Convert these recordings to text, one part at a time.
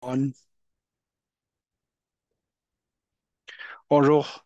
Juan. Bonjour.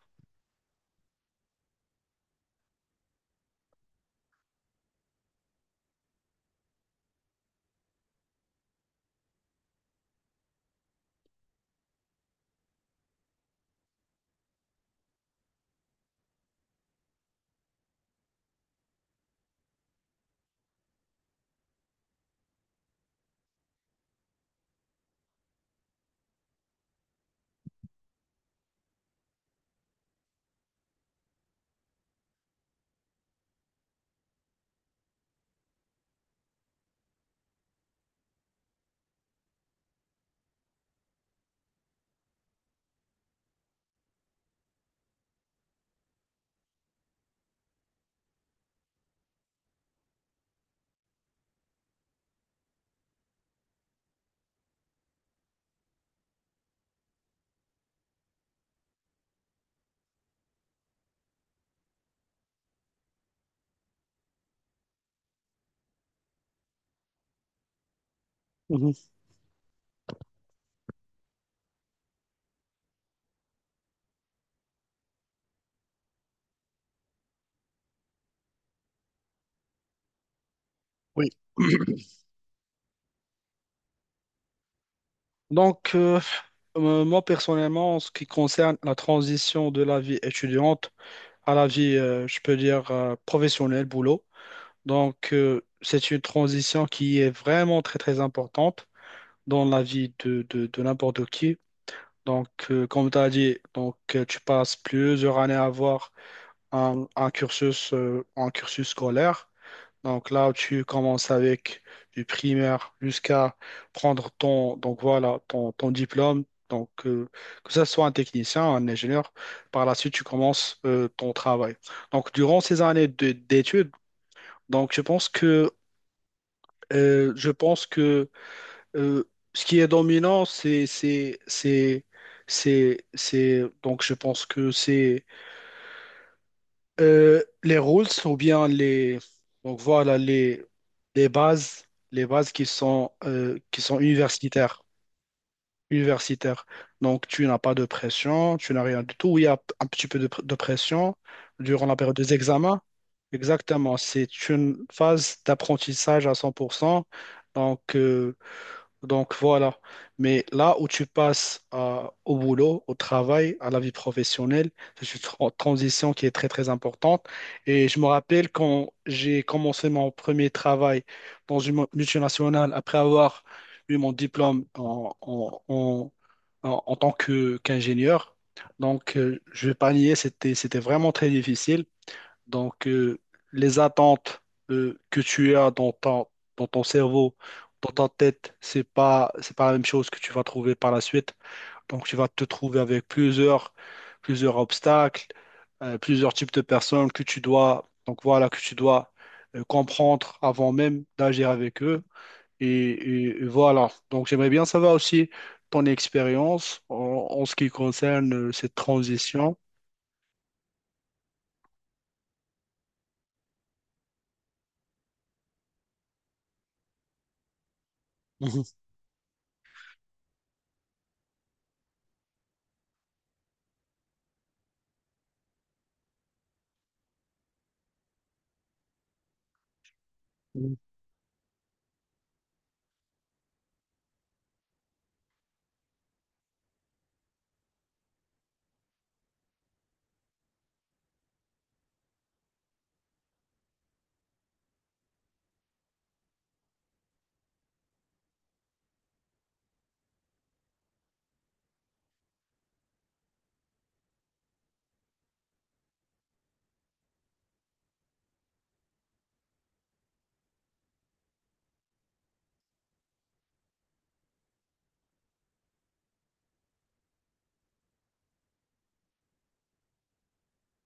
Mhm. Oui. Donc, euh, moi personnellement, en ce qui concerne la transition de la vie étudiante à la vie, je peux dire, professionnelle, boulot, c'est une transition qui est vraiment très, très importante dans la vie de n'importe qui. Donc, comme tu as dit, donc, tu passes plusieurs années à avoir un cursus scolaire. Donc là, tu commences avec du primaire jusqu'à prendre ton, donc voilà, ton diplôme. Donc, que ce soit un technicien, un ingénieur, par la suite, tu commences ton travail. Donc, durant ces d'études, donc je pense que, je pense que euh, ce qui est dominant, donc je pense que c'est les rules ou bien les donc voilà les bases les bases qui sont universitaires, donc tu n'as pas de pression, tu n'as rien du tout. Oui, il y a un petit peu de, de pression durant la période des examens. Exactement, c'est une phase d'apprentissage à 100%. Donc euh, donc voilà. Mais là où au boulot, au travail, à la vie professionnelle, c'est une transition qui est très très importante. Et je me rappelle quand j'ai commencé mon premier travail dans une multinationale, après avoir eu mon diplôme en tant que qu'ingénieur. Donc je vais pas nier, c'était vraiment très difficile. Donc, les attentes que tu as dans ton cerveau, dans ta tête, c'est pas la même chose que tu vas trouver par la suite. Donc, tu vas te trouver avec plusieurs, plusieurs obstacles, plusieurs types de personnes que tu dois, donc voilà, que tu dois comprendre avant même d'agir avec eux. Et, et voilà. Donc, j'aimerais bien savoir aussi ton expérience en, en ce qui concerne cette transition. Mhm.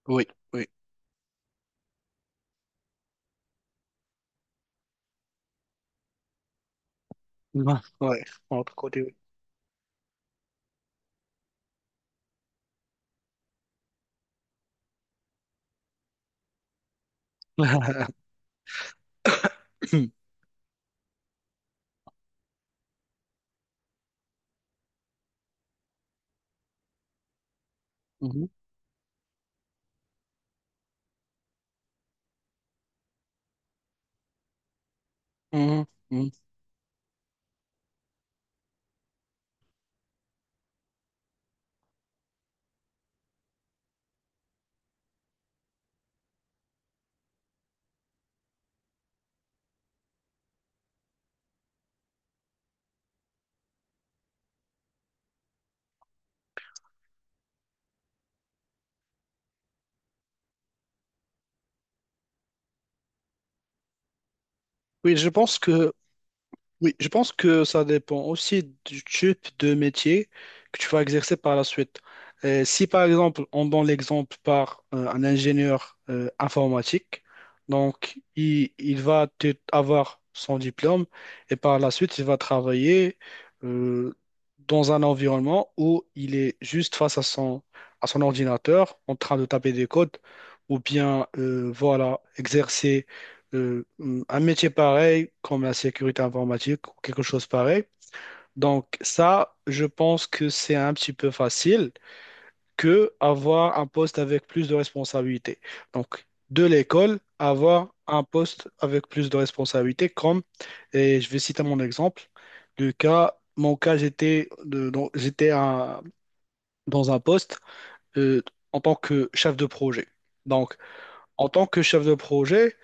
Oui, oui. Ouais, ouais, entre côté, oui. Mhm, mhm, mhm. Oui, je pense que Oui, je pense que ça dépend aussi du type de métier que tu vas exercer par la suite. Si par exemple, on donne l'exemple par un ingénieur informatique, donc il va avoir son diplôme et par la suite, il va travailler euh, dans un environnement où il est juste face à son ordinateur en train de taper des codes ou bien voilà, exercer un métier pareil comme la sécurité informatique ou quelque chose pareil. Donc ça, je pense que c'est un petit peu facile que avoir un poste avec plus de responsabilités. Donc de l'école, avoir un poste avec plus de responsabilités comme, et je vais citer mon exemple, le cas, mon cas, j'étais dans un poste euh, en tant que chef de projet. Donc en tant que chef de projet,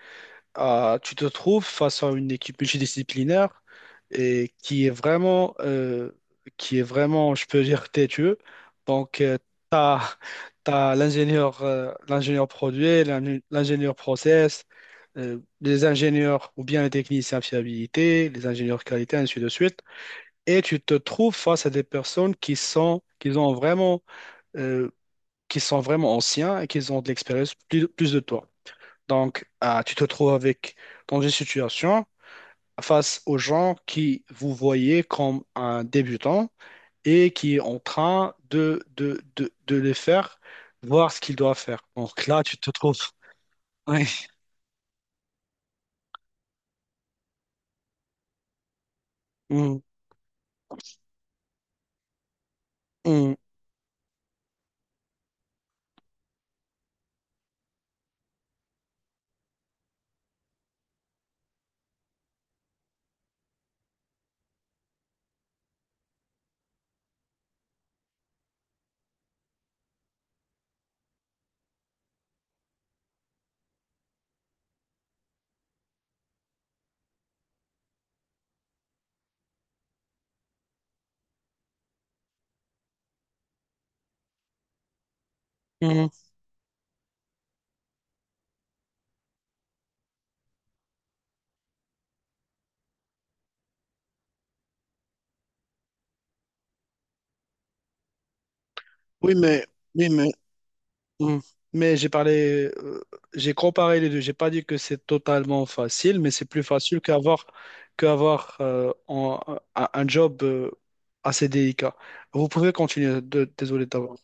ah, tu te trouves face à une équipe multidisciplinaire et qui est vraiment, je peux dire, têtue. Donc, tu as, l'ingénieur l'ingénieur produit, l'ingénieur process, les ingénieurs ou bien les techniciens fiabilité, les ingénieurs qualité, ainsi de suite. Et tu te trouves face à des personnes qui sont, qui ont vraiment, euh, qui sont vraiment anciens et qui ont de l'expérience plus, plus de toi. Donc, tu te trouves avec, dans une situation face aux gens qui vous voyez comme un débutant et qui est en train de les faire voir ce qu'ils doivent faire. Donc là, tu te trouves. Oui. Mm, mm, mm. Oui, mais, oui, mais Mm. Mais j'ai parlé, j'ai comparé les deux. J'ai pas dit que c'est totalement facile, mais c'est plus facile qu'avoir un job assez délicat. Vous pouvez continuer. Désolé d'avoir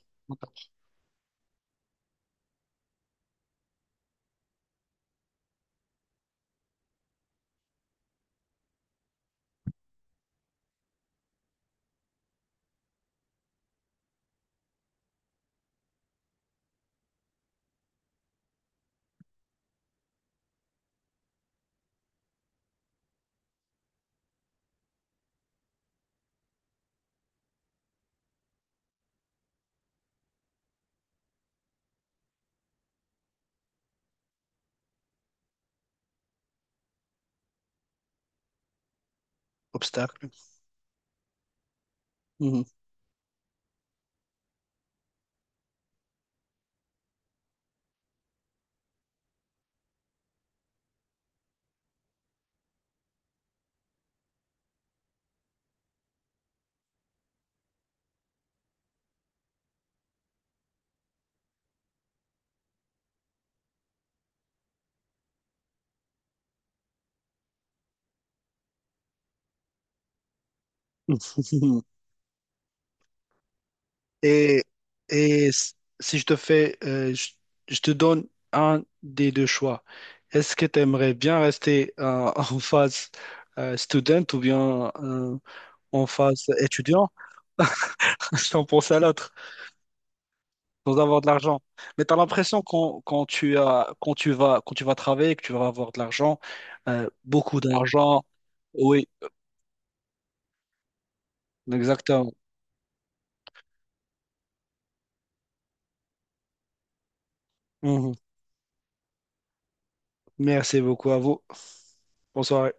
obstacle. Mhm. Et si je te fais, je te donne un des deux choix. Est-ce que tu aimerais bien rester en phase student ou bien en phase étudiant? Je t'en pense à l'autre. Sans avoir de l'argent. Mais tu as l'impression quand, quand tu as, quand tu vas travailler, que tu vas avoir de l'argent, beaucoup d'argent. Oui, exactement. Mhm. Merci beaucoup à vous. Bonsoir.